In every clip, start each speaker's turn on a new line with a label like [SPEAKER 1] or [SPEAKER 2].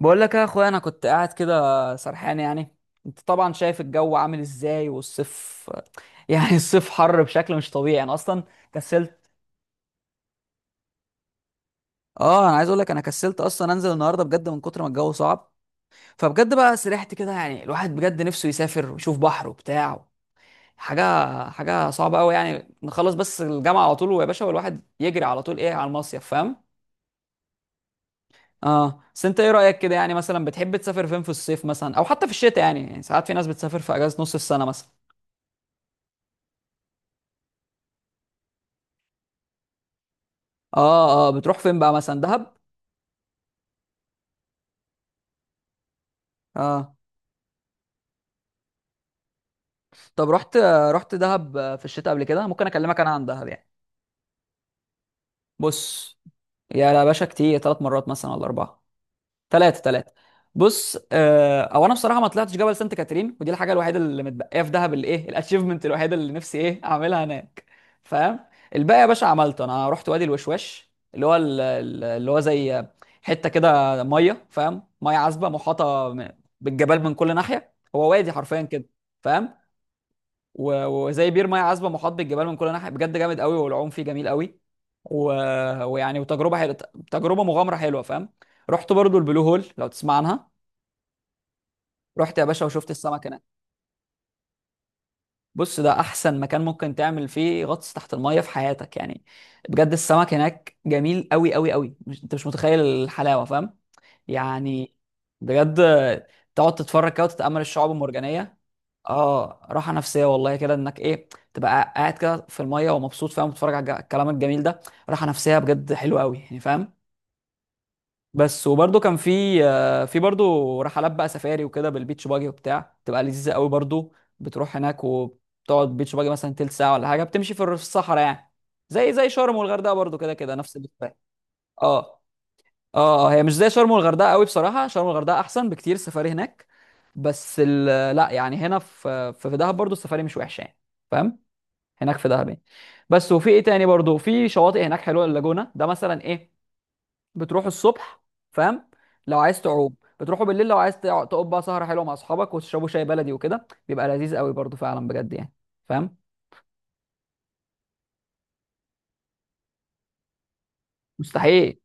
[SPEAKER 1] بقول لك يا اخويا انا كنت قاعد كده سرحان يعني. انت طبعا شايف الجو عامل ازاي والصيف. يعني الصيف حر بشكل مش طبيعي، انا اصلا كسلت. اه، انا عايز اقول لك انا كسلت اصلا انزل النهارده بجد من كتر ما الجو صعب. فبجد بقى سرحت كده، يعني الواحد بجد نفسه يسافر ويشوف بحر وبتاع حاجه حاجه صعبه قوي يعني، نخلص بس الجامعه على طول ويا باشا والواحد يجري على طول ايه على المصيف، فاهم؟ اه، بس انت ايه رايك كده، يعني مثلا بتحب تسافر فين في الصيف مثلا او حتى في الشتاء؟ يعني ساعات في ناس بتسافر في اجازه نص السنه مثلا. اه اه، بتروح فين بقى مثلا؟ دهب؟ اه، طب رحت دهب في الشتاء قبل كده؟ ممكن اكلمك انا عن دهب يعني. بص. يا لا باشا كتير، ثلاث مرات مثلا ولا اربعه. ثلاثه ثلاثه. بص، آه او انا بصراحه ما طلعتش جبل سانت كاترين، ودي الحاجه الوحيده اللي متبقيه في دهب اللي ايه الاتشيفمنت الوحيده اللي نفسي ايه اعملها هناك، فاهم؟ الباقي يا باشا عملته، انا رحت وادي الوشواش اللي هو اللي هو زي حته كده ميه، فاهم؟ ميه عذبه محاطه بالجبال من كل ناحيه، هو وادي حرفيا كده، فاهم؟ و- وزي بير ميه عذبه محاط بالجبال من كل ناحيه، بجد جامد قوي والعوم فيه جميل قوي. و... ويعني وتجربه حلوه، تجربه مغامره حلوه، فاهم؟ رحت برضو البلو هول لو تسمع عنها. رحت يا باشا وشفت السمك هناك. بص، ده احسن مكان ممكن تعمل فيه غطس تحت الميه في حياتك يعني. بجد السمك هناك جميل قوي قوي قوي، مش... انت مش متخيل الحلاوه، فاهم؟ يعني بجد، تقعد تتفرج كده وتتأمل الشعاب المرجانية. اه، راحة نفسية والله كده انك ايه تبقى قاعد كده في المية ومبسوط، فاهم؟ وتتفرج على الكلام الجميل ده. راحة نفسية بجد حلوة قوي يعني، فاهم؟ بس، وبرده كان في برده رحلات بقى سفاري وكده بالبيتش باجي وبتاع، تبقى لذيذة قوي برده. بتروح هناك وبتقعد بيتش باجي مثلا تلت ساعة ولا حاجة، بتمشي في في الصحراء يعني. زي شرم والغردقة برده كده كده نفس البتاع. اه اه اه، هي مش زي شرم والغردقه قوي، بصراحه شرم والغردقه احسن بكتير السفاري هناك. بس لا يعني، هنا في دهب برضو السفاري مش وحشه يعني، فاهم؟ هناك في دهب يعني. بس، وفي ايه تاني برضو؟ في شواطئ هناك حلوه، اللاجونه ده مثلا ايه. بتروحوا الصبح، فاهم؟ لو عايز تعوم بتروحوا بالليل، لو عايز تقعد بقى سهره حلوه مع اصحابك وتشربوا شاي بلدي وكده بيبقى لذيذ قوي برضو فعلا بجد يعني، فاهم؟ مستحيل.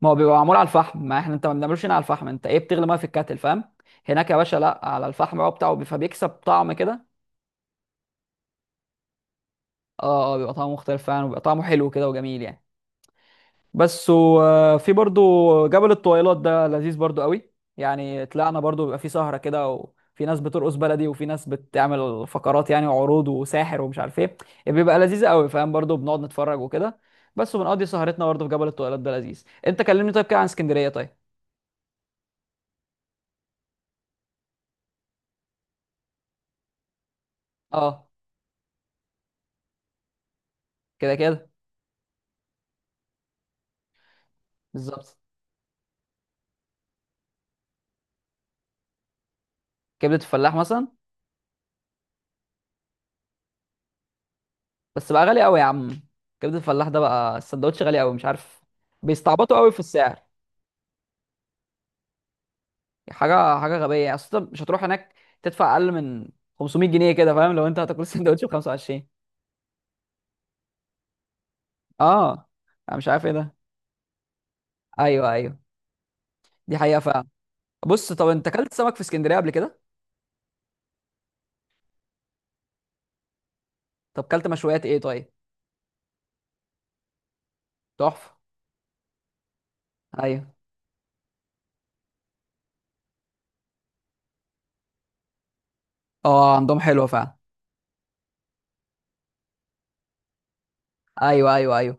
[SPEAKER 1] ما هو بيبقى معمول على الفحم، ما احنا انت ما بنعملوش هنا على الفحم، انت ايه بتغلي ميه في الكاتل، فاهم؟ هناك يا باشا لا، على الفحم بقى بتاعه فبيكسب طعم كده. اه اه، بيبقى طعمه مختلف فعلا وبيبقى طعمه حلو كده وجميل يعني. بس، وفي برضو جبل الطويلات ده لذيذ برضو قوي. يعني طلعنا برضو، بيبقى فيه سهرة كده وفي ناس بترقص بلدي وفي ناس بتعمل فقرات يعني وعروض وساحر ومش عارف ايه. إيه، بيبقى لذيذ قوي، فاهم؟ برضو بنقعد نتفرج وكده. بس، وبنقضي سهرتنا برضو في جبل الطويلات ده لذيذ. انت كلمني طيب كده عن اسكندرية طيب. اه كده كده. بالظبط. كبده الفلاح مثلا. بس بقى غالي قوي يا عم، كبده الفلاح ده بقى السندوتش غالي قوي، مش عارف، بيستعبطوا قوي في السعر. حاجه غبيه يعني، اصل انت مش هتروح هناك تدفع اقل من 500 جنيه كده، فاهم؟ لو انت هتاكل السندوتش ب 25. اه، انا مش عارف ايه ده. ايوه ايوه، دي حقيقه فعلا. بص طب انت اكلت سمك في اسكندريه قبل كده؟ طب اكلت مشويات ايه طيب؟ تحفه. ايوه، اه عندهم حلوه فعلا. ايوه ايوه ايوه.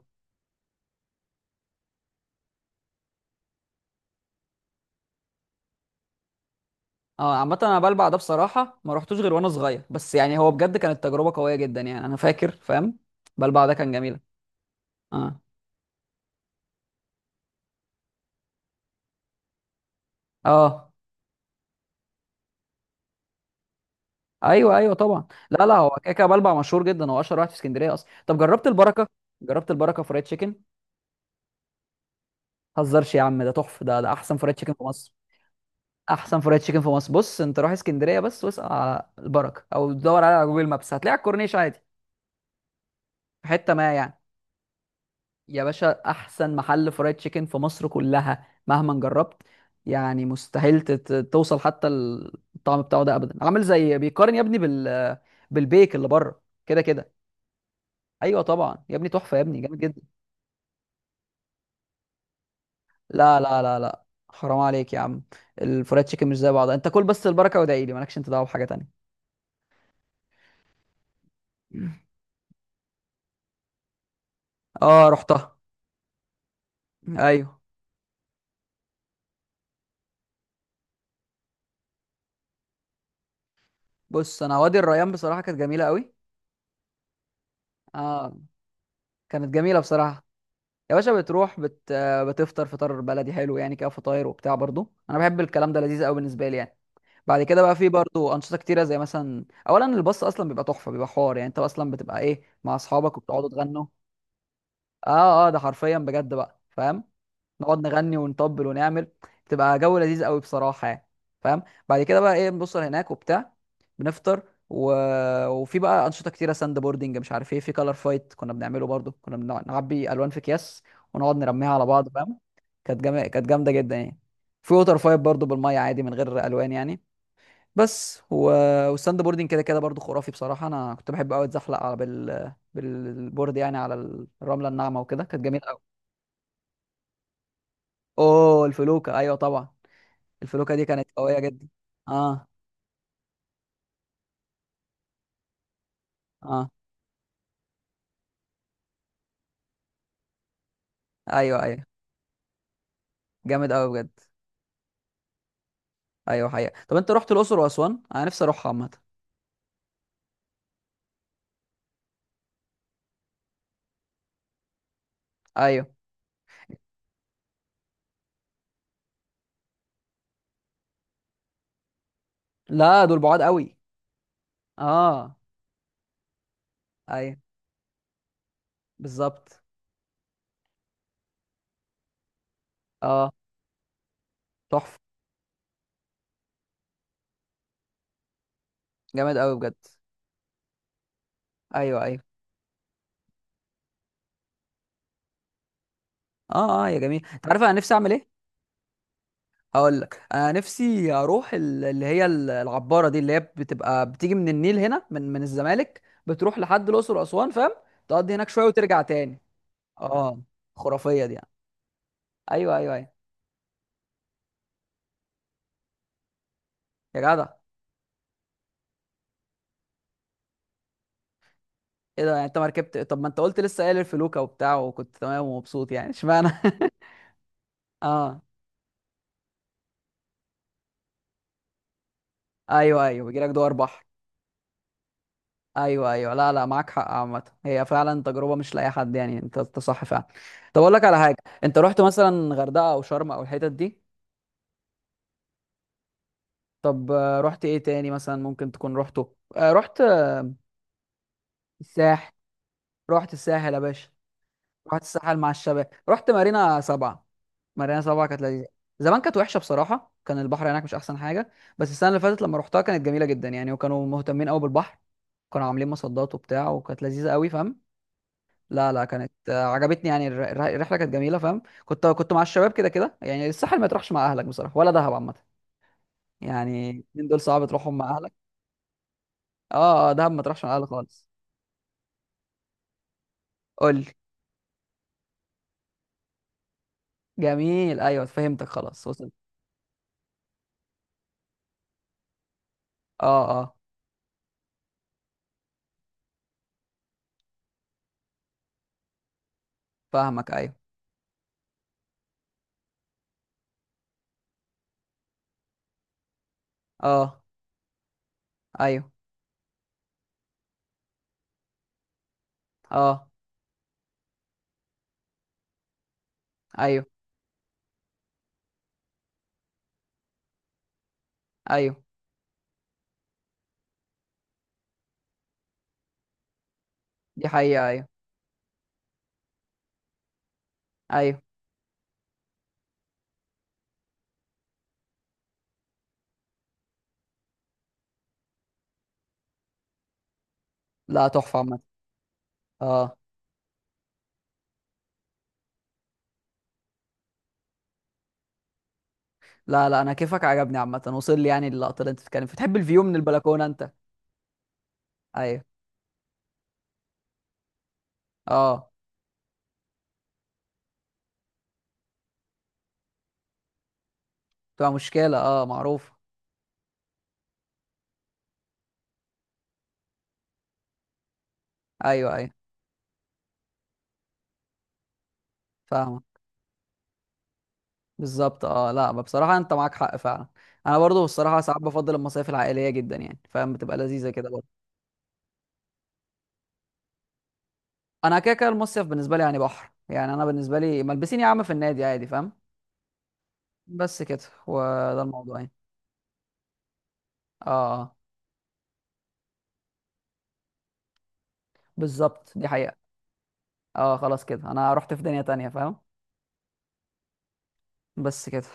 [SPEAKER 1] اه، عامة انا بلبع ده بصراحة ما رحتوش غير وانا صغير، بس يعني هو بجد كانت تجربة قوية جدا يعني انا فاكر، فاهم؟ بلبع ده كان جميلة. اه اه، ايوه ايوه طبعا، لا لا هو كده كده بلبع مشهور جدا، هو اشهر واحد في اسكندرية اصلا. طب جربت البركة؟ جربت البركة فرايد تشيكن؟ هزرش يا عم، ده تحفة، ده احسن فرايد تشيكن في مصر. احسن فرايد تشيكن في مصر. بص انت روح اسكندرية بس واسأل على البركة او دور عليها على جوجل مابس، هتلاقي على الكورنيش عادي. في حتة ما يعني. يا باشا احسن محل فرايد تشيكن في مصر كلها مهما جربت. يعني مستحيل توصل حتى الطعم بتاعه ده ابدا، عامل زي بيقارن يا ابني بالبيك اللي بره كده كده. ايوه طبعا يا ابني تحفه يا ابني جامد جدا. لا لا لا لا، حرام عليك يا عم. الفرايد تشيكن مش زي بعضها، انت كل بس البركه وادعي لي، مالكش انت دعوه بحاجه تانية. اه رحتها. ايوه. بص انا وادي الريان بصراحه كانت جميله قوي. اه كانت جميله بصراحه. يا باشا بتروح بت... آه، بتفطر فطار بلدي حلو يعني كده فطاير وبتاع برضو، انا بحب الكلام ده لذيذ قوي بالنسبه لي يعني. بعد كده بقى في برضو انشطه كتيره، زي مثلا اولا الباص اصلا بيبقى تحفه، بيبقى حوار، يعني انت اصلا بتبقى ايه مع اصحابك وبتقعدوا تغنوا. اه اه، ده حرفيا بجد بقى، فاهم؟ نقعد نغني ونطبل ونعمل، تبقى جو لذيذ قوي بصراحه يعني، فاهم؟ بعد كده بقى ايه بنوصل هناك وبتاع، بنفطر. و... وفي بقى انشطه كتيره، ساند بوردنج مش عارف ايه، في كلر فايت كنا بنعمله برضو، كنا نعبي الوان في اكياس ونقعد نرميها على بعض، فاهم؟ كانت جامده جدا يعني. في ووتر فايت برضو بالميه عادي من غير الوان يعني. بس والساند بوردنج كده كده برضو خرافي بصراحه، انا كنت بحب قوي اتزحلق على بالبورد يعني على الرمله الناعمه وكده كانت جميله قوي. اوه الفلوكه ايوه طبعا. الفلوكه دي كانت قويه جدا. اه اه ايوه ايوه، جامد قوي بجد. ايوه حقيقه. طب انت رحت الاقصر واسوان؟ انا نفسي اروحها عامه. ايوه، لا دول بعاد قوي. اه ايوه بالظبط. اه تحفه، جامد قوي بجد. ايوه ايوه، اه اه يا جميل. انت عارف انا نفسي اعمل ايه؟ هقول لك، انا نفسي اروح اللي هي العباره دي اللي هي بتبقى بتيجي من النيل هنا من الزمالك بتروح لحد الاقصر واسوان، فاهم؟ تقضي هناك شويه وترجع تاني. اه خرافيه دي يعني. ايوه ايوه ايوه. يا جدع، ايه ده يعني؟ انت ما ركبت؟ طب ما انت قلت لسه قايل الفلوكه وبتاع وكنت تمام ومبسوط يعني، اشمعنى؟ اه ايوه ايوه، بيجيلك دوار بحر. ايوه ايوه، لا لا معاك حق عامه، هي فعلا تجربه مش لاي حد يعني، انت صح فعلا. طب اقول لك على حاجه، انت رحت مثلا غردقه او شرم او الحتت دي؟ طب رحت ايه تاني مثلا ممكن تكون رحته رحت الساحل. رحت الساحل يا باشا. رحت الساحل مع الشباب، رحت مارينا سبعة. مارينا سبعة كانت لذيذة. زمان كانت وحشة بصراحة، كان البحر هناك مش أحسن حاجة. بس السنة اللي فاتت لما رحتها كانت جميلة جدا يعني، وكانوا مهتمين قوي بالبحر. كانوا عاملين مصدات وبتاع وكانت لذيذة قوي، فاهم؟ لا لا كانت عجبتني يعني الرحلة كانت جميلة، فاهم؟ كنت مع الشباب كده كده يعني. الساحل ما تروحش مع أهلك بصراحة ولا دهب عامة. يعني الاتنين دول صعب تروحهم مع أهلك. اه دهب ما تروحش مع أهلك خالص. قول لي. جميل أيوه فهمتك خلاص وصلت. اه اه. فاهمك أيوه. اه ايوه، اه ايوه ايوه دي حقيقة. ايوه ايوه. لا تحفة عامة. اه. لا لا انا كيفك عجبني عامة، وصل لي يعني اللقطة اللي انت بتتكلم فيها. بتحب الفيو من البلكونة انت؟ ايوه. اه بتبقى مشكلة معروفة. ايوه ايوه. فاهمة. بالظبط اه، لا ما بصراحة انت معاك حق فعلا. انا برضو الصراحة ساعات بفضل المصايف العائلية جدا يعني، فاهم؟ بتبقى لذيذة كده برضو. انا كده كده المصيف بالنسبة لي يعني بحر، يعني انا بالنسبة لي ملبسين يا عم، في النادي عادي، فاهم؟ بس كده، وده الموضوع يعني. اه آه، بالظبط، دي حقيقة. اه خلاص كده انا رحت في دنيا تانية، فاهم؟ بس كده.